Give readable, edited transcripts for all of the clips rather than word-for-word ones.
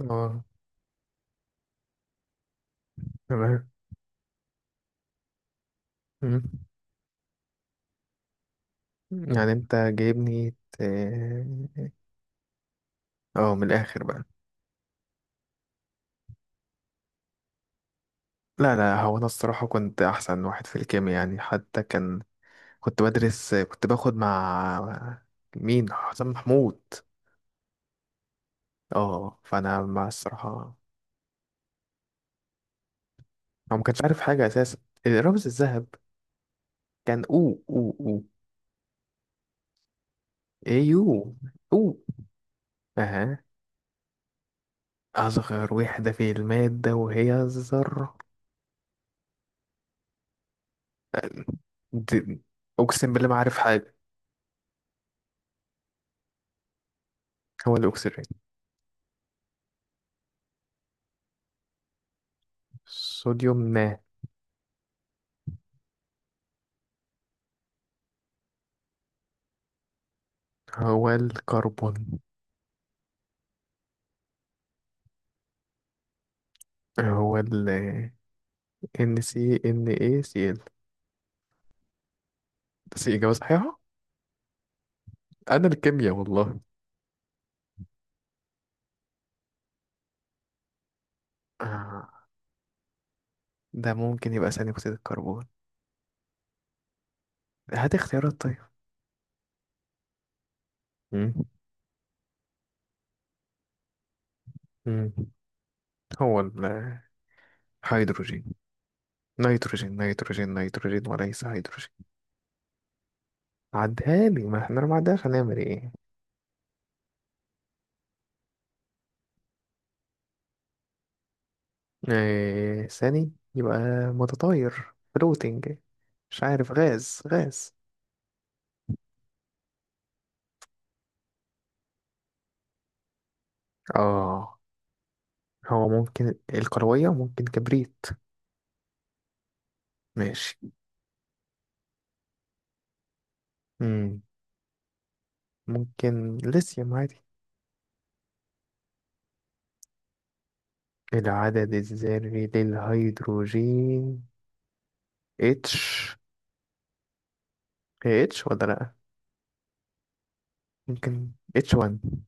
اه. تمام. مم. يعني انت جايبني اه، من الاخر بقى. لا، لا، هو انا الصراحة كنت احسن واحد في الكيمياء، يعني حتى كنت بدرس، كنت باخد مع مين، حسام محمود. اه، فانا مع الصراحة. هو ما كانش عارف حاجة اساسا، الرمز الذهب. كان او. ايو. او. اها. اصغر وحدة في المادة وهي الذرة. أه، د- اقسم بالله ما عارف حاجة. هو الاكسجين. صوديوم ما. هو الكربون. هو ال NaCl. بس إجابة صحيحة. أنا الكيمياء والله. آه، ده ممكن يبقى ثاني أكسيد الكربون. هات اختيارات طيب. مم. مم. هو الهيدروجين. نيتروجين، نيتروجين، نيتروجين، وليس هيدروجين. عدها لي، ما احنا لو ما عدهاش هنعمل ايه. ثاني يبقى متطاير، فلوتنج. مش عارف، غاز غاز. اه، هو ممكن الكروية ممكن كبريت. ماشي. مم. ممكن ليثيوم عادي. العدد الذري للهيدروجين. اتش. هي اتش ولا لأ؟ ممكن اتش 1.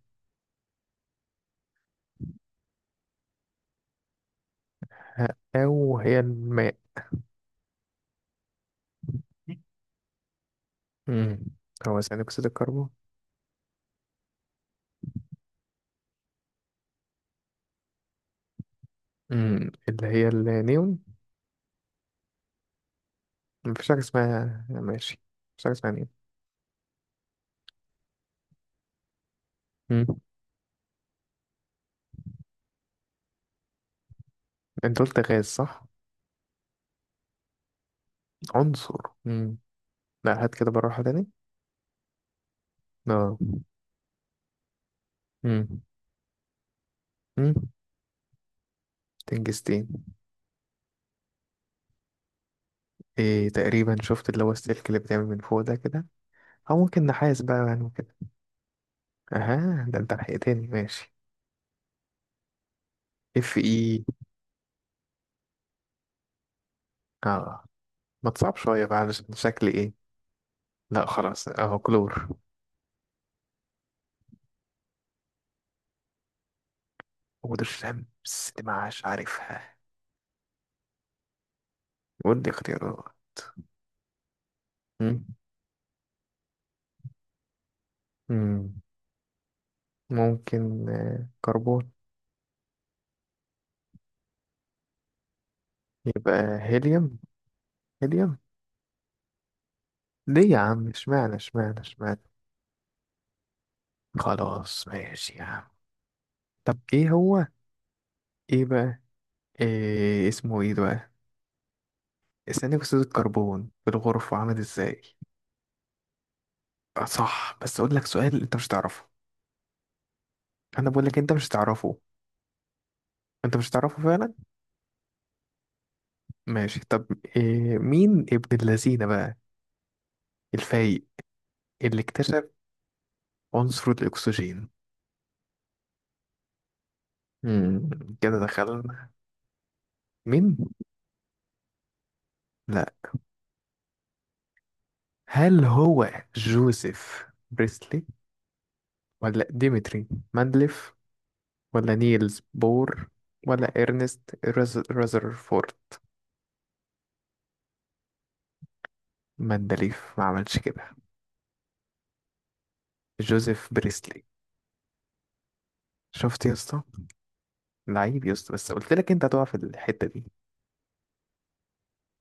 أو هي الماء. مم. هو ثاني أكسيد الكربون. مم. اللي هي النيون. مفيش حاجة اسمها ماشي، مفيش حاجة اسمها نيون. مم. انت قلت غاز صح؟ عنصر. لا، هات كده بالراحة تاني. اه. مم. مم. تنجستين. إيه، تقريبا شفت اللي هو السلك اللي بيتعمل من فوق ده كده. او ممكن نحاس بقى، يعني وكده. اها، ده انت لحقتني. ماشي. اف اي. اه. ما تصعب شويه بقى علشان شكل ايه. لا، خلاص، اهو كلور. ودي الشمس دي معاش عارفها. ودي اختيارات. مم. مم. ممكن كربون. يبقى هيليوم. هيليوم. ليه يا عم اشمعنى، اشمعنى، اشمعنى. خلاص ماشي يا عم. طب ايه هو ايه بقى إيه اسمه ايه دلوقتي؟ ثاني أكسيد الكربون في الغرفة عامل إزاي؟ آه، صح، بس أقول لك سؤال أنت مش هتعرفه. أنا بقول لك أنت مش هتعرفه. أنت مش هتعرفه فعلا؟ ماشي، طب. إيه، مين ابن اللذينة بقى الفايق اللي اكتشف عنصر الأكسجين؟ مم. كده دخلنا. مين؟ لا. هل هو جوزيف بريسلي ولا ديمتري مندليف ولا نيلز بور ولا إرنست رذرفورد؟ مندليف ما عملش كده. جوزيف بريسلي. شفت يا اسطى. لعيب يا اسطى، بس قلت لك انت هتقع في الحتة دي.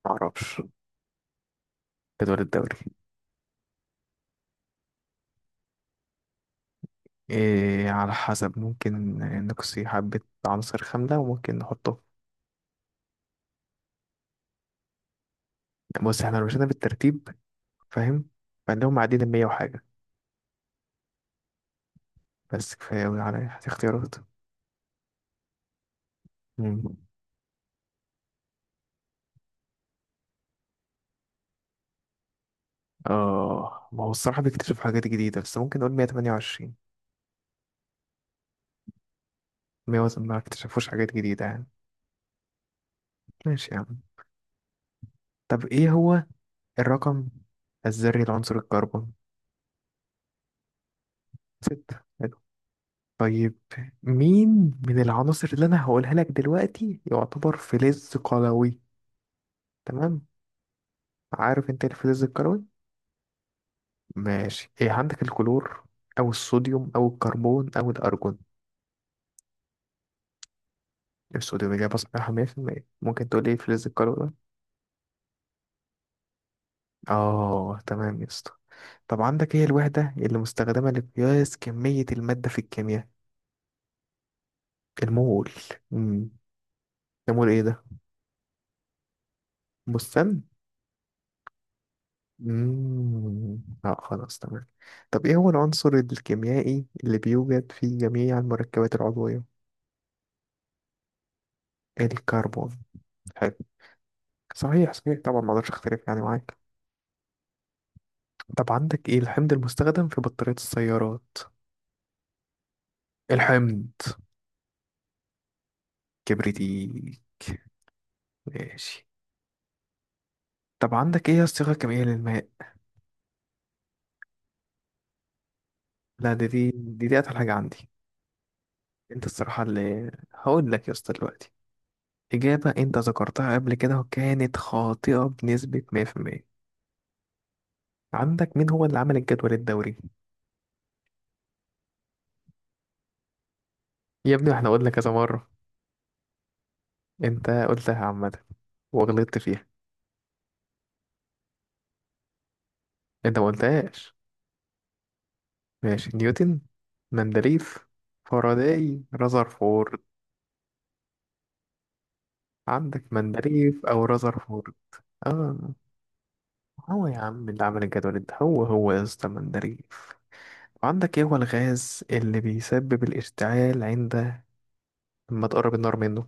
معرفش. جدول الدوري. إيه على حسب، ممكن نقصي حبة عناصر خاملة وممكن نحطه. بص، احنا لو مشينا بالترتيب. فاهم. فعندهم معدين 100 وحاجة. بس كفاية أوي على اختيارات. مم. اه، ما هو الصراحة بيكتشف حاجات جديدة، بس ممكن نقول 128. 100 ما اكتشفوش حاجات جديدة يعني. ماشي يا عم. طب ايه هو الرقم الذري لعنصر الكربون؟ 6. طيب. مين من العناصر اللي انا هقولها لك دلوقتي يعتبر فلز قلوي؟ تمام. عارف انت إيه الفلز القلوي؟ ماشي، ايه عندك، الكلور او الصوديوم او الكربون او الارجون؟ الصوديوم اجابه صحيحه 100%، ممكن تقول ايه الفلز القلوي ده؟ اه، تمام يا اسطى. طب عندك ايه الوحده اللي مستخدمه لقياس كميه الماده في الكيمياء؟ المول. امم المول ايه ده؟ بستان. مم. لا، خلاص، تمام. طب ايه هو العنصر الكيميائي اللي بيوجد في جميع المركبات العضوية؟ الكربون. حلو. صحيح صحيح، طبعا ما اقدرش اختلف يعني معاك. طب عندك ايه الحمض المستخدم في بطارية السيارات؟ الحمض. كبريتيك. ماشي. طب عندك ايه الصيغة الكيميائية للماء؟ لا، دي اتقل حاجة عندي. انت الصراحة اللي هقول لك يا اسطى دلوقتي. إجابة أنت ذكرتها قبل كده وكانت خاطئة بنسبة 100%. عندك مين هو اللي عمل الجدول الدوري؟ يا ابني احنا قلنا كذا مرة. انت قلتها عامة وغلطت فيها. انت ما قلتهاش. ماشي، نيوتن، مندليف، فاراداي، رذرفورد. عندك مندليف او رذرفورد؟ اه. هو يا عم اللي عمل الجدول ده هو يا اسطى مندليف. وعندك ايه هو الغاز اللي بيسبب الاشتعال عند لما تقرب النار منه؟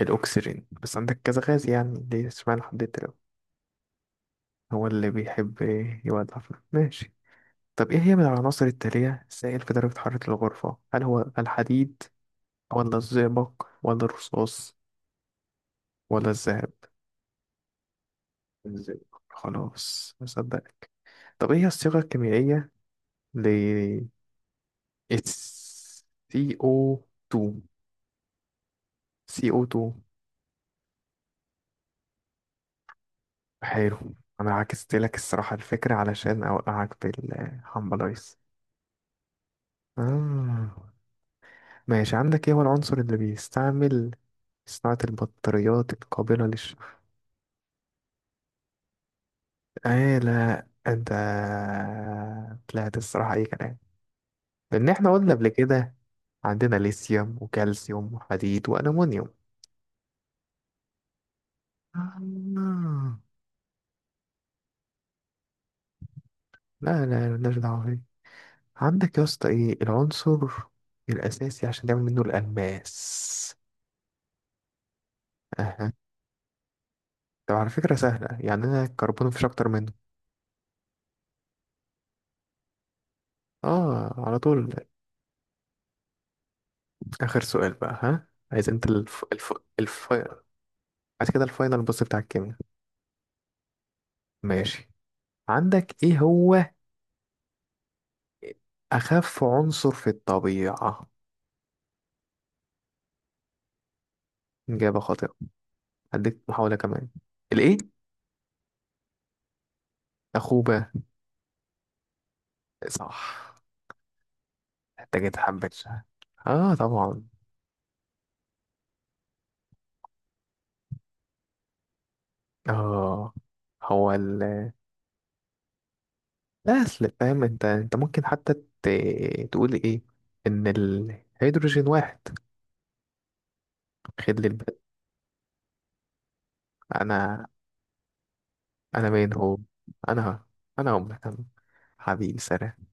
الاكسجين، بس عندك كذا غاز يعني ليه اشمعنى حددت له؟ هو اللي بيحب يولع فيه. ماشي. طب إيه هي من العناصر التالية سائل في درجة حرارة الغرفة؟ هل هو الحديد ولا الزئبق ولا الرصاص ولا الذهب؟ ازاي. خلاص، مصدق. طب إيه هي الصيغة الكيميائية ل CO2. CO2. حلو. أنا عكست لك الصراحة الفكرة علشان أوقعك في الهامبلايز. آه. ماشي، عندك إيه هو العنصر اللي بيستعمل في صناعة البطاريات القابلة؟ ايه، لا انت طلعت الصراحة اي كلام. لان احنا قلنا قبل كده عندنا ليثيوم وكالسيوم وحديد والومنيوم. آه. لا، لا، مالناش دعوة بيه. عندك يا اسطى ايه العنصر الاساسي عشان تعمل منه الالماس؟ اها. طب على فكرة سهلة يعني، انا الكربون مفيش اكتر منه. اه، على طول. اخر سؤال بقى، ها عايز انت الف... عايز كده الفاينل، بص، بتاع الكيمياء. ماشي، عندك ايه هو أخف عنصر في الطبيعة؟ إجابة خاطئة. هديك محاولة كمان. الإيه؟ أخوبة. صح. محتاجة حبة شهر. آه، طبعا. آه، هو الأصل. فاهم أنت ممكن حتى ت... تقول إيه، إن الهيدروجين 1. خد لي الباقي. أنا أنا مين هو. أنا أنا أمك أنا حبيبي سلام.